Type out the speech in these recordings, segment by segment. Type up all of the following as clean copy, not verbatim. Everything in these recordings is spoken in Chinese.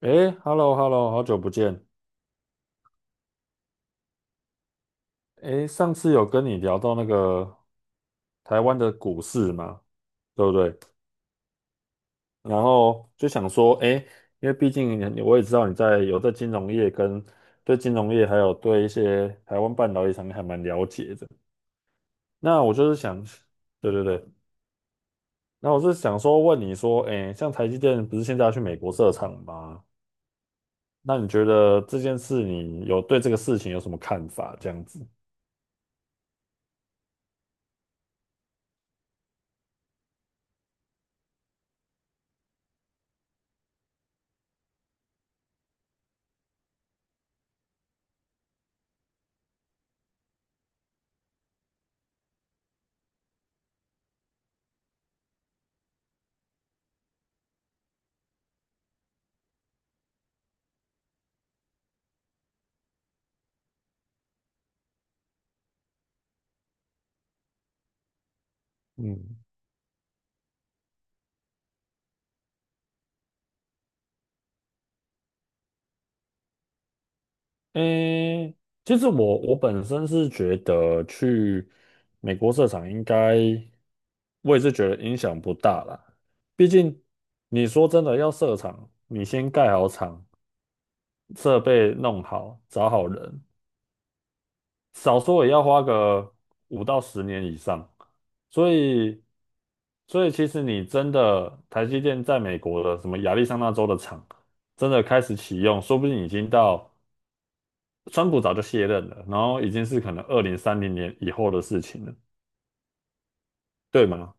诶 h e l l o h e l l o 好久不见。诶，上次有跟你聊到那个台湾的股市嘛，对不对？然后就想说，诶，因为毕竟你我也知道你有在金融业对金融业，还有对一些台湾半导体产业还蛮了解的。那我就是想，对对对，那我是想说问你说，诶，像台积电不是现在要去美国设厂吗？那你觉得这件事，你有对这个事情有什么看法？这样子，嗯诶，其实我本身是觉得去美国设厂应该，我也是觉得影响不大啦。毕竟你说真的要设厂，你先盖好厂，设备弄好，找好人，少说也要花个5到10年以上。所以，所以，其实你真的台积电在美国的什么亚利桑那州的厂，真的开始启用，说不定已经到。川普早就卸任了，然后已经是可能2030年以后的事情了，对吗？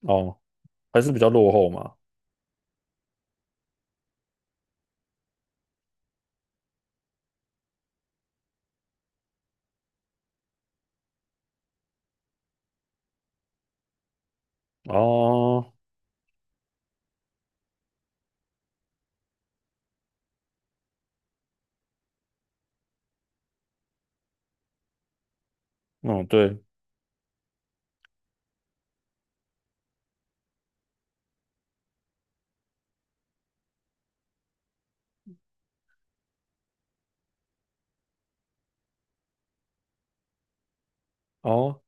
哦，还是比较落后嘛。哦，嗯，对，哦，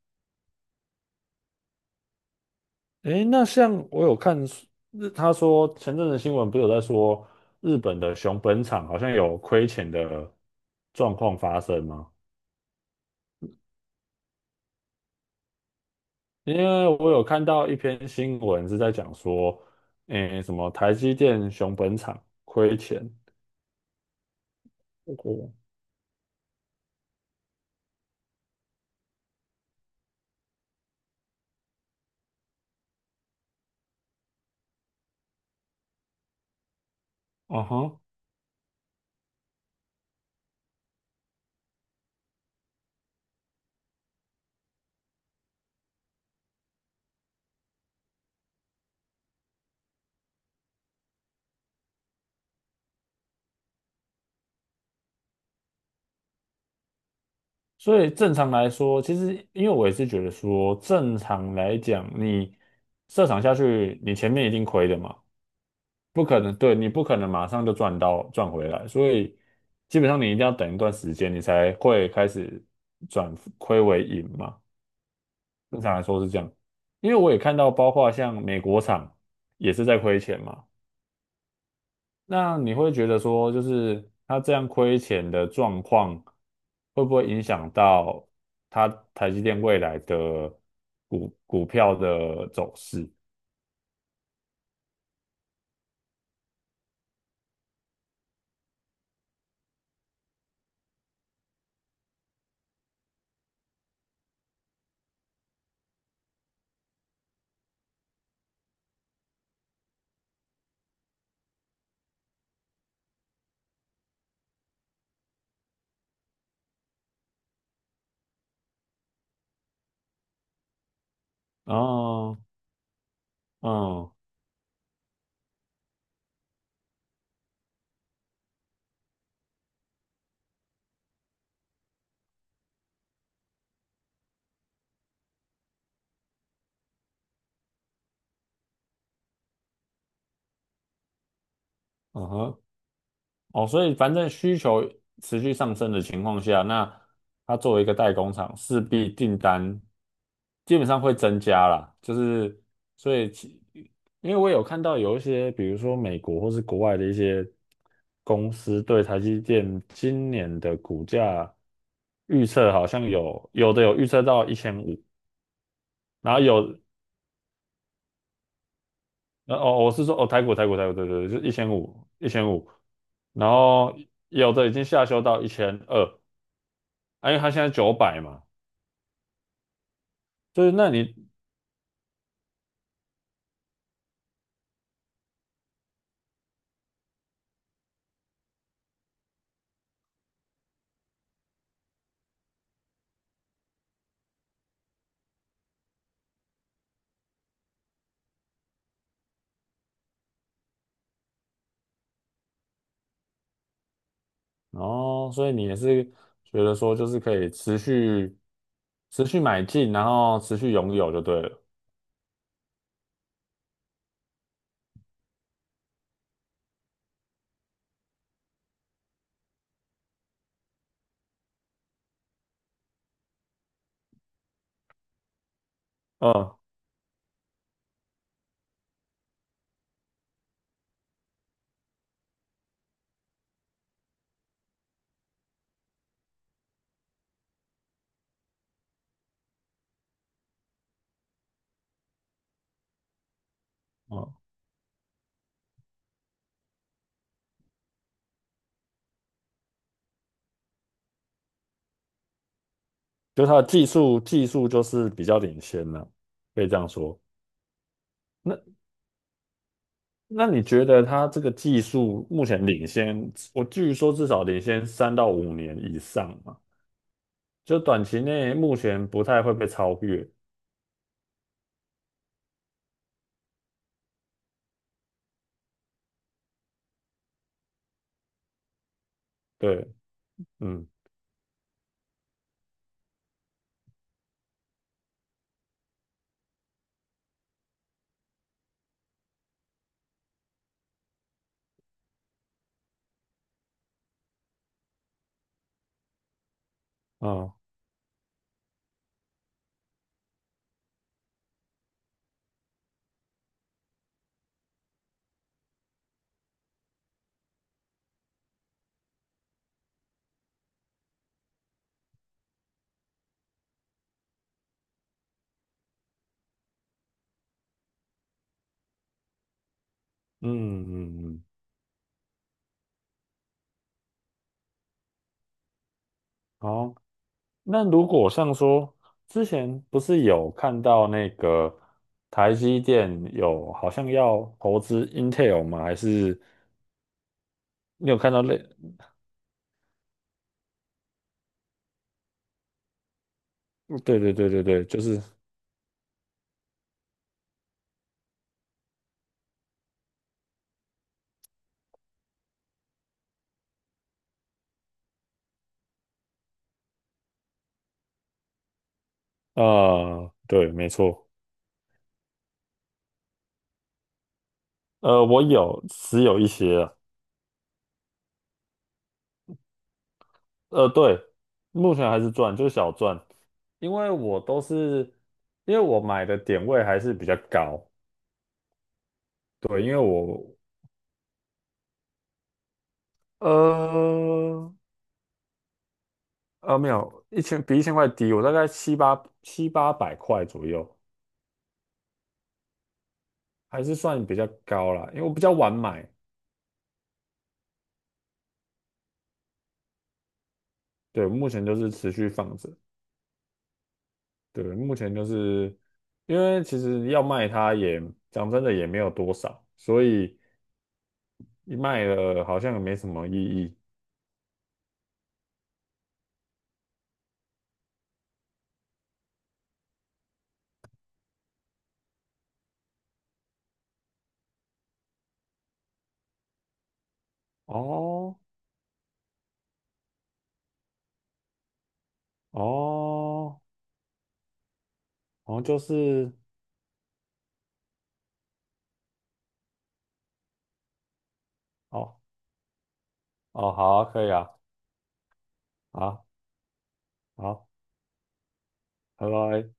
诶，那像我有他说前阵子新闻不是有在说日本的熊本厂好像有亏钱的状况发生吗？因为我有看到一篇新闻是在讲说，诶，什么台积电熊本厂亏钱。哦，哦哈。所以正常来说，其实因为我也是觉得说，正常来讲，你设厂下去，你前面一定亏的嘛，不可能，对，你不可能马上就赚回来，所以基本上你一定要等一段时间，你才会开始转亏为盈嘛。正常来说是这样，因为我也看到，包括像美国厂也是在亏钱嘛。那你会觉得说，就是他这样亏钱的状况，会不会影响到他台积电未来的股票的走势？哦，嗯嗯哼，哦，所以反正需求持续上升的情况下，那它作为一个代工厂，势必订单基本上会增加啦。就是所以其因为我有看到有一些，比如说美国或是国外的一些公司对台积电今年的股价预测，好像有的有预测到一千五，然后有哦，我是说哦台股对对对，就一千五1 5 0然后有的已经下修到1200。哎，因为它现在900嘛，就是那你哦，所以你也是觉得说，就是可以持续买进，然后持续拥有就对了。嗯嗯，就它的技术就是比较领先了，可以这样说。那那你觉得它这个技术目前领先，我据说至少领先3到5年以上嘛，就短期内目前不太会被超越。对，嗯，哦，嗯嗯嗯，好。那如果像说之前不是有看到那个台积电有好像要投资 Intel 吗？还是你有看到类？嗯对对对对对，就是对，没错，我有持有一些啊，对，目前还是赚，就是小赚，因为我买的点位还是比较高，对，因为我呃。没有，一千比1000块低，我大概七八百块左右，还是算比较高啦，因为我比较晚买，对，目前就是持续放着，对，目前就是因为其实要卖它也讲真的也没有多少，所以一卖了好像也没什么意义。哦哦好像就是哦哦，好啊可以啊，好好，拜拜。